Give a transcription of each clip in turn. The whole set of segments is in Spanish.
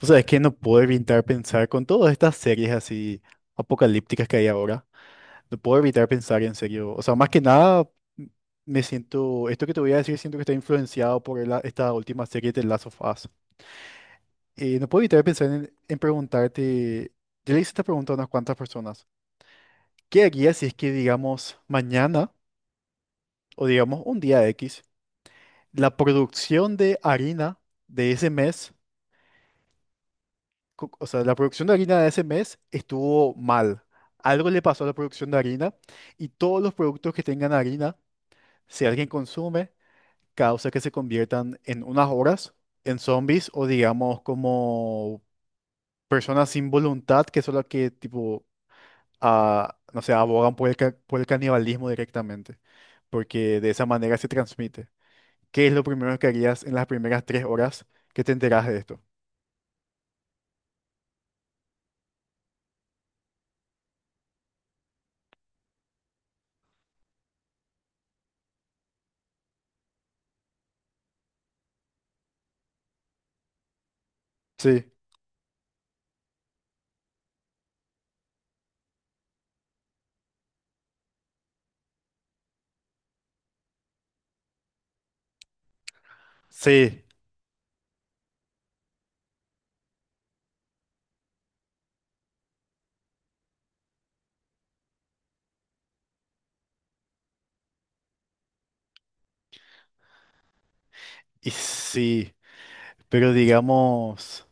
O sea, es que no puedo evitar pensar con todas estas series así apocalípticas que hay ahora. No puedo evitar pensar en serio. O sea, más que nada, m- me siento, esto que te voy a decir, siento que está influenciado por esta última serie de Last of Us. No puedo evitar pensar en preguntarte, yo le hice esta pregunta a unas cuantas personas. ¿Qué harías si es que, digamos, mañana o digamos un día X, la producción de harina de ese mes o sea, la producción de harina de ese mes estuvo mal? Algo le pasó a la producción de harina y todos los productos que tengan harina, si alguien consume, causa que se conviertan en unas horas en zombies, o digamos como personas sin voluntad que son las que tipo, ah, no sé, abogan por por el canibalismo directamente, porque de esa manera se transmite. ¿Qué es lo primero que harías en las primeras 3 horas que te enteras de esto? Sí, sí y sí. Pero digamos,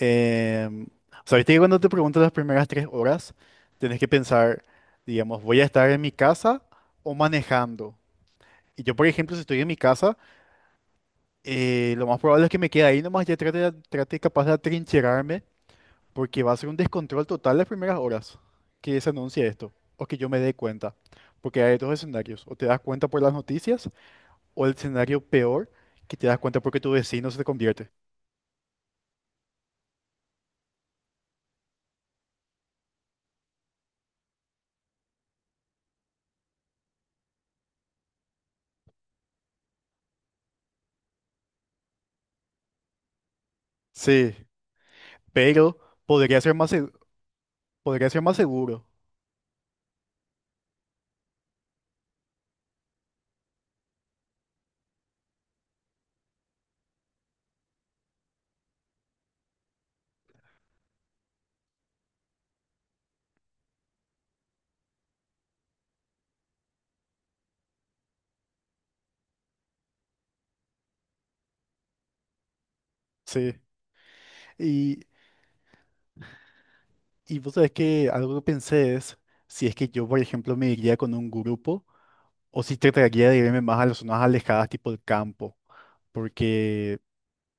o sea, viste que cuando te pregunto las primeras 3 horas, tenés que pensar, digamos, ¿voy a estar en mi casa o manejando? Y yo, por ejemplo, si estoy en mi casa, lo más probable es que me quede ahí nomás, ya trate, trate capaz de atrincherarme, porque va a ser un descontrol total las primeras horas que se anuncie esto, o que yo me dé cuenta, porque hay dos escenarios, o te das cuenta por las noticias, o el escenario peor, que te das cuenta porque tu vecino se te convierte. Sí, pero podría ser más, podría ser más seguro, sí. Y, y vos sabés que algo que pensé es si es que yo, por ejemplo, me iría con un grupo, o si trataría de irme más a las zonas alejadas, tipo el campo. Porque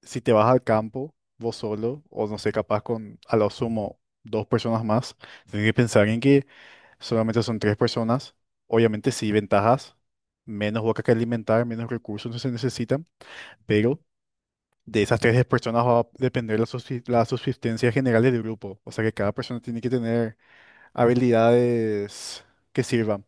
si te vas al campo, vos solo, o no sé, capaz con a lo sumo dos personas más, tenés que pensar en que solamente son 3 personas. Obviamente sí, ventajas, menos boca que alimentar, menos recursos no se necesitan, pero de esas 3 personas va a depender la, la subsistencia general del grupo. O sea que cada persona tiene que tener habilidades que sirvan.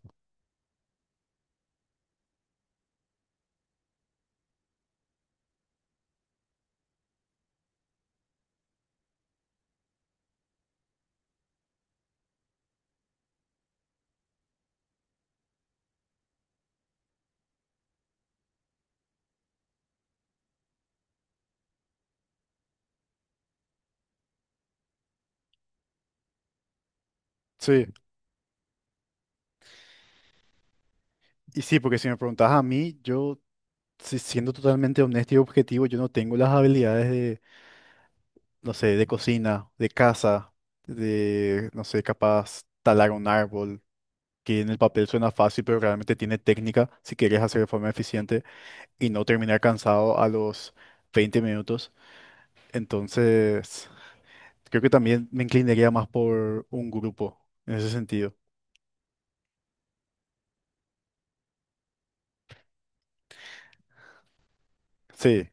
Sí, y sí, porque si me preguntas a mí, yo, siendo totalmente honesto y objetivo, yo no tengo las habilidades de, no sé, de cocina, de casa, de, no sé, capaz talar un árbol, que en el papel suena fácil, pero realmente tiene técnica si quieres hacer de forma eficiente y no terminar cansado a los 20 minutos. Entonces, creo que también me inclinaría más por un grupo, en ese sentido. Sí,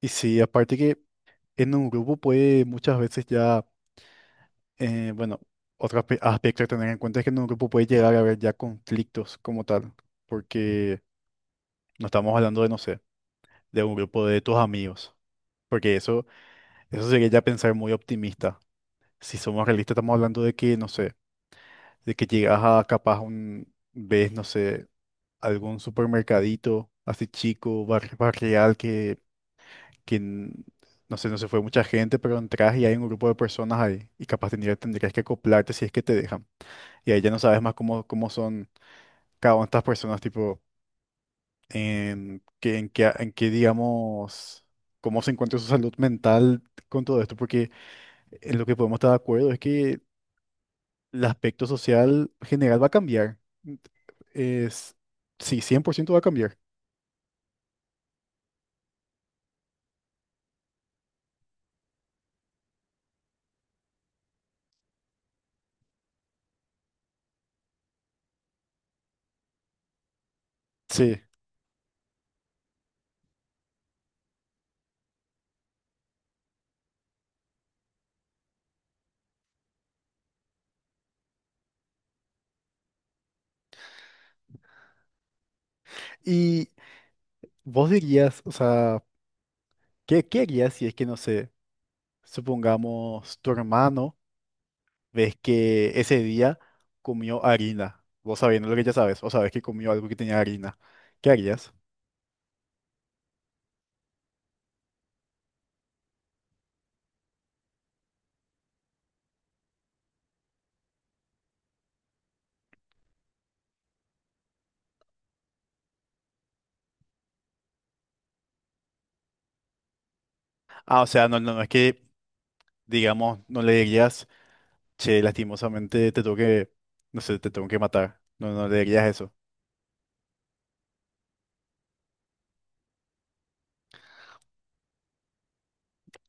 y sí, aparte que en un grupo puede muchas veces ya, bueno, otro aspecto a tener en cuenta es que en un grupo puede llegar a haber ya conflictos como tal, porque no estamos hablando de, no sé, de un grupo de tus amigos, porque eso sería ya pensar muy optimista. Si somos realistas, estamos hablando de que, no sé, de que llegas a capaz un, ves, no sé, algún supermercadito así chico, barrial que que n- no sé, no se fue mucha gente, pero entras y hay un grupo de personas ahí y capaz tendrías que acoplarte si es que te dejan. Y ahí ya no sabes más cómo, cómo son cada una de estas personas, tipo, en qué, digamos, cómo se encuentra su salud mental con todo esto, porque en lo que podemos estar de acuerdo es que el aspecto social general va a cambiar. Es, sí, 100% va a cambiar. Sí. Y vos dirías, o sea, ¿qué, qué harías si es que, no sé, supongamos tu hermano, ves que ese día comió harina? Vos sabiendo lo que ya sabes, o sabes que comió algo que tenía harina, ¿qué harías? Ah, o sea, no, no, no es que, digamos, no le dirías, che, lastimosamente te tengo que, no sé, te tengo que matar. No, no le dirías eso.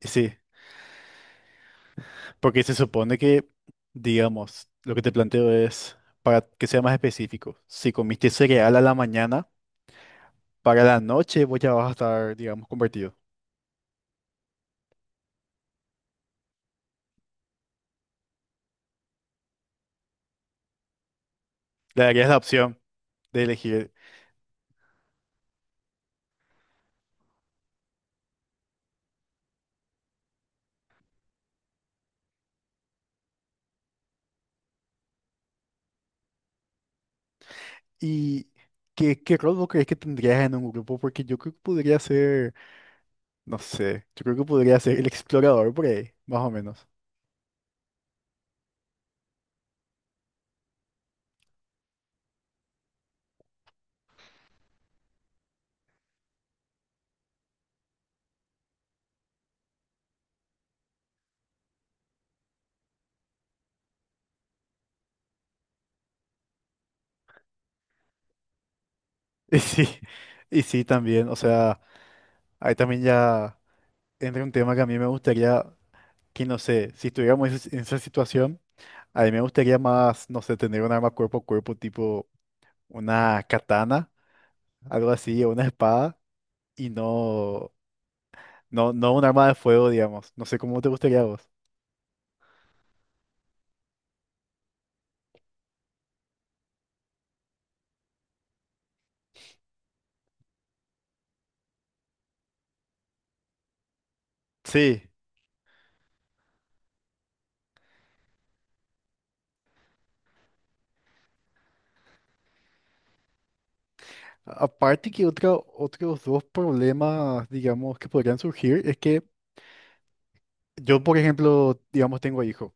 Sí, porque se supone que, digamos, lo que te planteo es, para que sea más específico, si comiste cereal a la mañana, para la noche vos ya vas a estar, digamos, convertido. Le darías la opción de elegir. ¿Y qué, qué rol vos crees que tendrías en un grupo? Porque yo creo que podría ser, no sé, yo creo que podría ser el explorador por ahí, más o menos. Y sí, y sí también, o sea, ahí también ya entra un tema que a mí me gustaría, que no sé, si estuviéramos en esa situación, a mí me gustaría más, no sé, tener un arma cuerpo a cuerpo tipo una katana, algo así, o una espada, y no, no, no un arma de fuego, digamos. No sé cómo te gustaría a vos. Sí. Aparte que otro, otros dos problemas, digamos, que podrían surgir es que yo, por ejemplo, digamos, tengo hijo.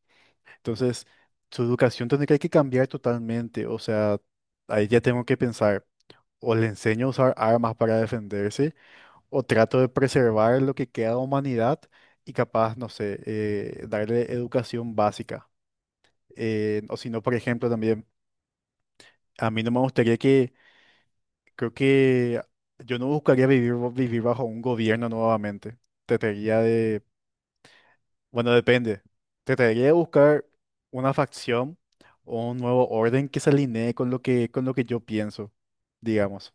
Entonces, su educación tendría que cambiar totalmente. O sea, ahí ya tengo que pensar, o le enseño a usar armas para defenderse, o trato de preservar lo que queda de humanidad y capaz, no sé, darle educación básica. O si no, por ejemplo, también, a mí no me gustaría, creo que yo no buscaría vivir, vivir bajo un gobierno nuevamente. Trataría de, bueno, depende. Trataría de buscar una facción o un nuevo orden que se alinee con lo que yo pienso, digamos.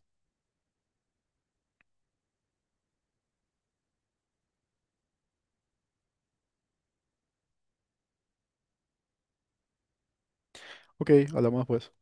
Ok, hablamos después.